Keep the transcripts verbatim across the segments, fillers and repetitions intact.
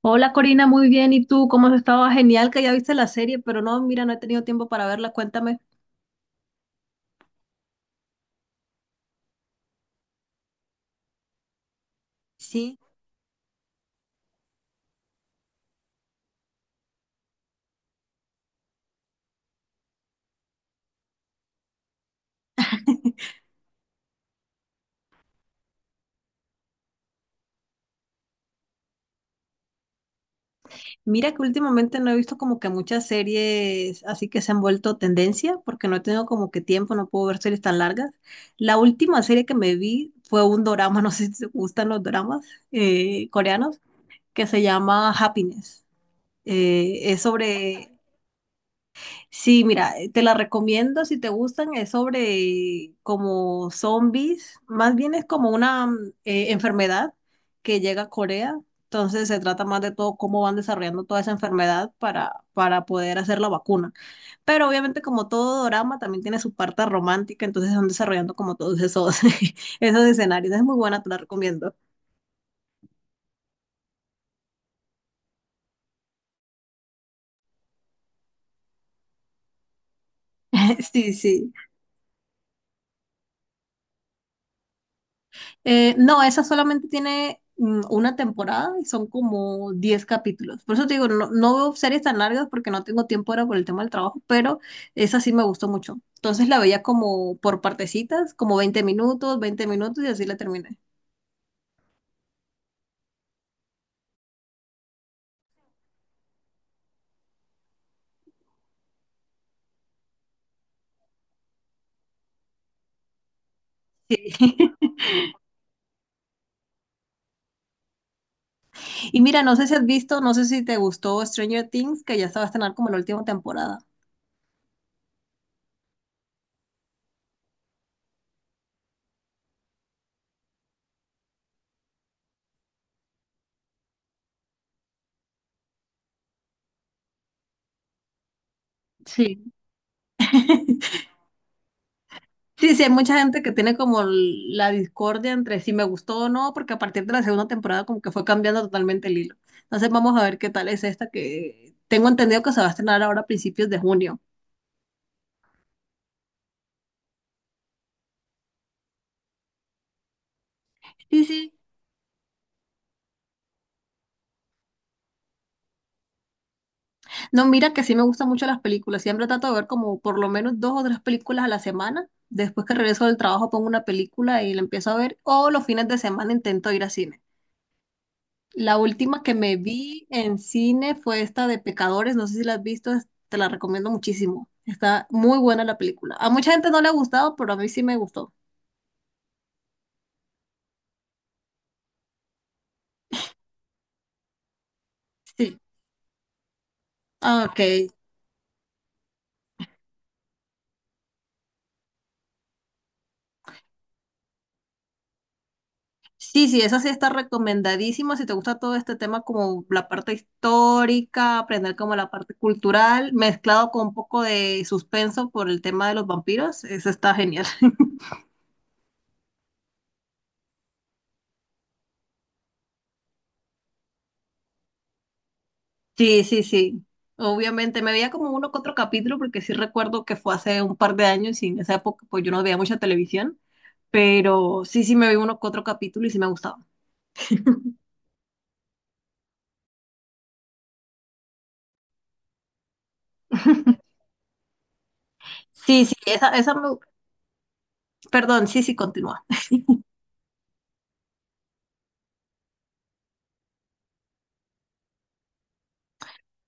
Hola Corina, muy bien. ¿Y tú cómo has estado? Genial que ya viste la serie, pero no, mira, no he tenido tiempo para verla. Cuéntame. Sí. Mira que últimamente no he visto como que muchas series así que se han vuelto tendencia, porque no he tenido como que tiempo, no puedo ver series tan largas. La última serie que me vi fue un dorama, no sé si te gustan los doramas eh, coreanos, que se llama Happiness. Eh, es sobre... Sí, mira, eh, te la recomiendo si te gustan, es sobre como zombies, más bien es como una mm, eh, enfermedad que llega a Corea. Entonces se trata más de todo cómo van desarrollando toda esa enfermedad para, para poder hacer la vacuna. Pero obviamente como todo drama también tiene su parte romántica, entonces van desarrollando como todos esos, esos escenarios. Es muy buena, te la recomiendo. Sí, sí. Eh, no, esa solamente tiene mm, una temporada y son como diez capítulos. Por eso te digo, no, no veo series tan largas porque no tengo tiempo ahora por el tema del trabajo, pero esa sí me gustó mucho. Entonces la veía como por partecitas, como veinte minutos, veinte minutos y así la terminé. Sí. Y mira, no sé si has visto, no sé si te gustó Stranger Things, que ya se va a estrenar como la última temporada. Sí. Sí, sí, hay mucha gente que tiene como la discordia entre si me gustó o no, porque a partir de la segunda temporada como que fue cambiando totalmente el hilo. Entonces vamos a ver qué tal es esta que tengo entendido que se va a estrenar ahora a principios de junio. Sí, sí. No, mira que sí me gustan mucho las películas. Siempre trato de ver como por lo menos dos o tres películas a la semana. Después que regreso del trabajo pongo una película y la empiezo a ver. O los fines de semana intento ir a cine. La última que me vi en cine fue esta de Pecadores, no sé si la has visto, es- te la recomiendo muchísimo. Está muy buena la película. A mucha gente no le ha gustado, pero a mí sí me gustó. Sí. Ah, ok. Sí, sí, esa sí está recomendadísima. Si te gusta todo este tema, como la parte histórica, aprender como la parte cultural, mezclado con un poco de suspenso por el tema de los vampiros, eso está genial. Sí, sí, sí. Obviamente me veía como uno que otro capítulo porque sí recuerdo que fue hace un par de años y en esa época pues yo no veía mucha televisión, pero sí, sí me vi uno que otro capítulo y sí me gustaba. Sí, sí, esa, esa, me- perdón, sí, sí, continúa.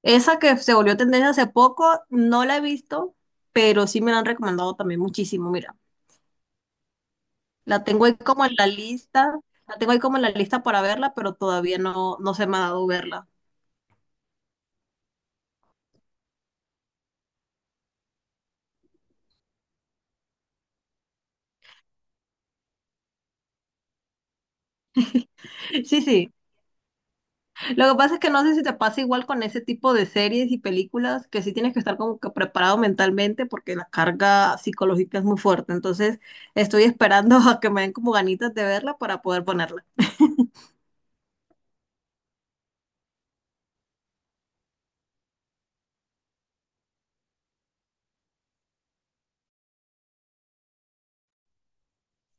Esa que se volvió tendencia hace poco, no la he visto, pero sí me la han recomendado también muchísimo, mira. La tengo ahí como en la lista, la tengo ahí como en la lista para verla, pero todavía no, no se me ha dado verla. Sí, sí. Lo que pasa es que no sé si te pasa igual con ese tipo de series y películas, que sí tienes que estar como que preparado mentalmente porque la carga psicológica es muy fuerte. Entonces, estoy esperando a que me den como ganitas de verla para poder ponerla.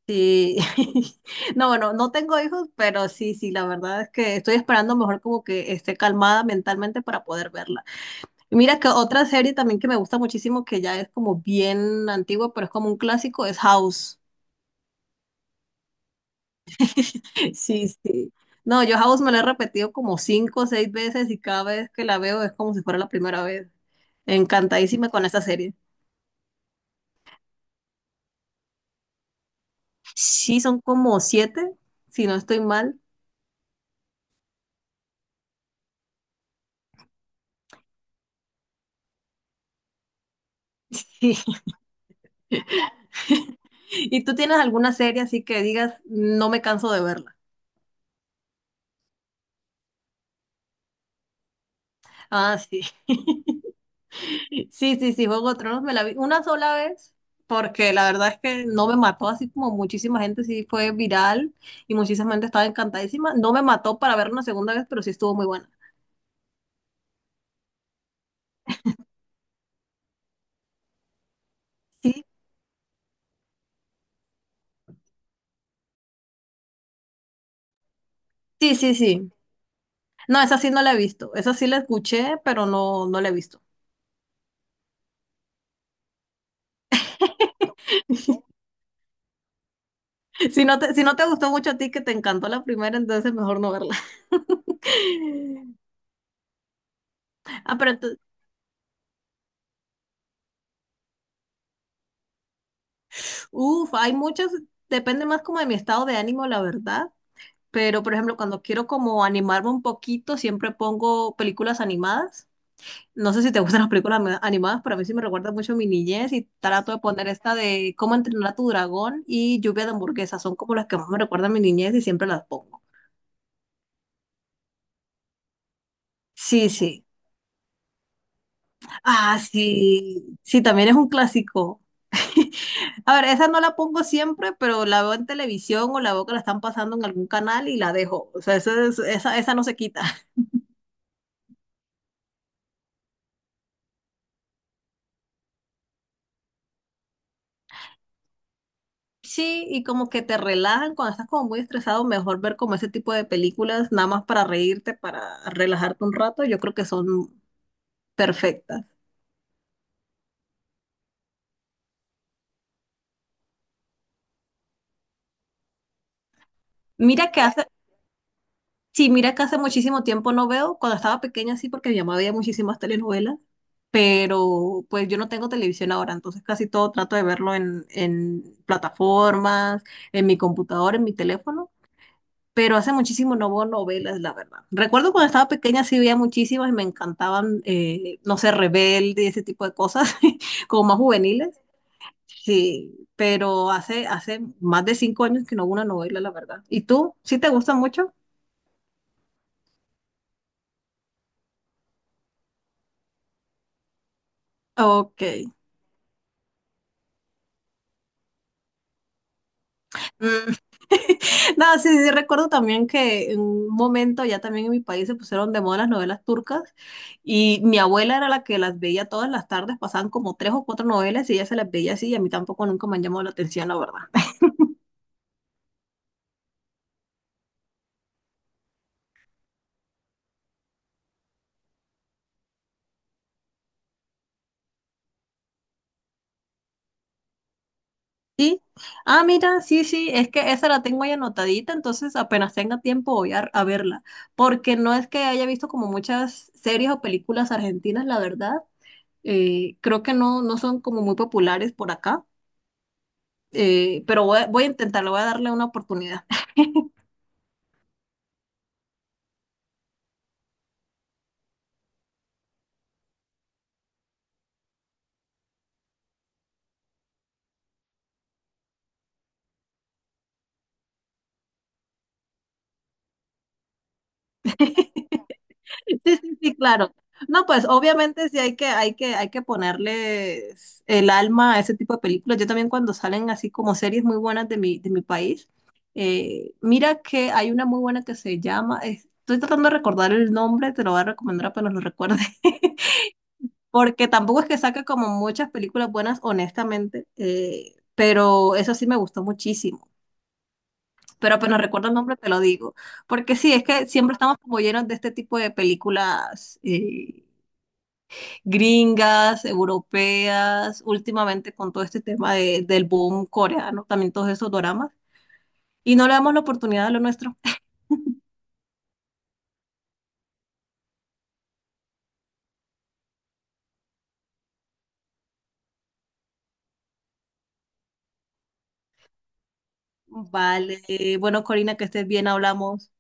Sí. No, bueno, no tengo hijos, pero sí, sí, la verdad es que estoy esperando mejor como que esté calmada mentalmente para poder verla. Y mira que otra serie también que me gusta muchísimo, que ya es como bien antigua, pero es como un clásico, es House. Sí, sí. No, yo House me la he repetido como cinco o seis veces y cada vez que la veo es como si fuera la primera vez. Encantadísima con esta serie. Sí, son como siete, si no estoy mal. Sí. ¿Y tú tienes alguna serie así que digas, no me canso de verla? Ah, sí. Sí, sí, sí, Juego de Tronos me la vi una sola vez, porque la verdad es que no me mató, así como muchísima gente sí fue viral y muchísima gente estaba encantadísima. No me mató para ver una segunda vez, pero sí estuvo muy buena. Sí. Sí, sí, sí. No, esa sí no la he visto. Esa sí la escuché, pero no, no la he visto. Si no te, si no te gustó mucho a ti, que te encantó la primera, entonces mejor no verla. Ah, pero entonces, uff, hay muchas, depende más como de mi estado de ánimo, la verdad. Pero, por ejemplo, cuando quiero como animarme un poquito, siempre pongo películas animadas. No sé si te gustan las películas ama- animadas, pero a mí sí me recuerda mucho a mi niñez y trato de poner esta de Cómo entrenar a tu dragón y Lluvia de hamburguesas. Son como las que más me recuerdan a mi niñez y siempre las pongo. Sí, sí. Ah, sí. Sí, también es un clásico. A ver, esa no la pongo siempre, pero la veo en televisión o la veo que la están pasando en algún canal y la dejo. O sea, esa, es- esa, esa no se quita. Sí, y como que te relajan cuando estás como muy estresado, mejor ver como ese tipo de películas, nada más para reírte, para relajarte un rato, yo creo que son perfectas. Mira que hace Sí, mira que hace muchísimo tiempo no veo, cuando estaba pequeña sí, porque mi mamá veía muchísimas telenovelas, pero pues yo no tengo televisión ahora, entonces casi todo trato de verlo en, en plataformas, en mi computadora, en mi teléfono, pero hace muchísimo no veo novelas, la verdad. Recuerdo cuando estaba pequeña sí veía muchísimas y me encantaban, eh, no sé, Rebelde y ese tipo de cosas, como más juveniles, sí, pero hace, hace más de cinco años que no veo una novela, la verdad. ¿Y tú? ¿Sí te gusta mucho? Ok. No, sí, sí, recuerdo también que en un momento ya también en mi país se pusieron de moda las novelas turcas y mi abuela era la que las veía todas las tardes, pasaban como tres o cuatro novelas y ella se las veía así y a mí tampoco nunca me han llamado la atención, la verdad. Sí, ah, mira, sí, sí, es que esa la tengo ahí anotadita, entonces apenas tenga tiempo voy a, a verla, porque no es que haya visto como muchas series o películas argentinas, la verdad, eh, creo que no, no son como muy populares por acá, eh, pero voy, a- voy a intentarlo, voy a darle una oportunidad. Sí, sí, sí, claro. No, pues obviamente sí hay que, hay que, hay que ponerles el alma a ese tipo de películas. Yo también cuando salen así como series muy buenas de mi, de mi país, eh, mira que hay una muy buena que se llama, estoy tratando de recordar el nombre, te lo voy a recomendar apenas lo recuerde, porque tampoco es que saca como muchas películas buenas, honestamente, eh, pero eso sí me gustó muchísimo, pero apenas recuerdo el nombre te lo digo. Porque sí, es que siempre estamos como llenos de este tipo de películas eh, gringas, europeas, últimamente con todo este tema de- del boom coreano, también todos esos doramas, y no le damos la oportunidad a lo nuestro. Vale, bueno, Corina, que estés bien, hablamos.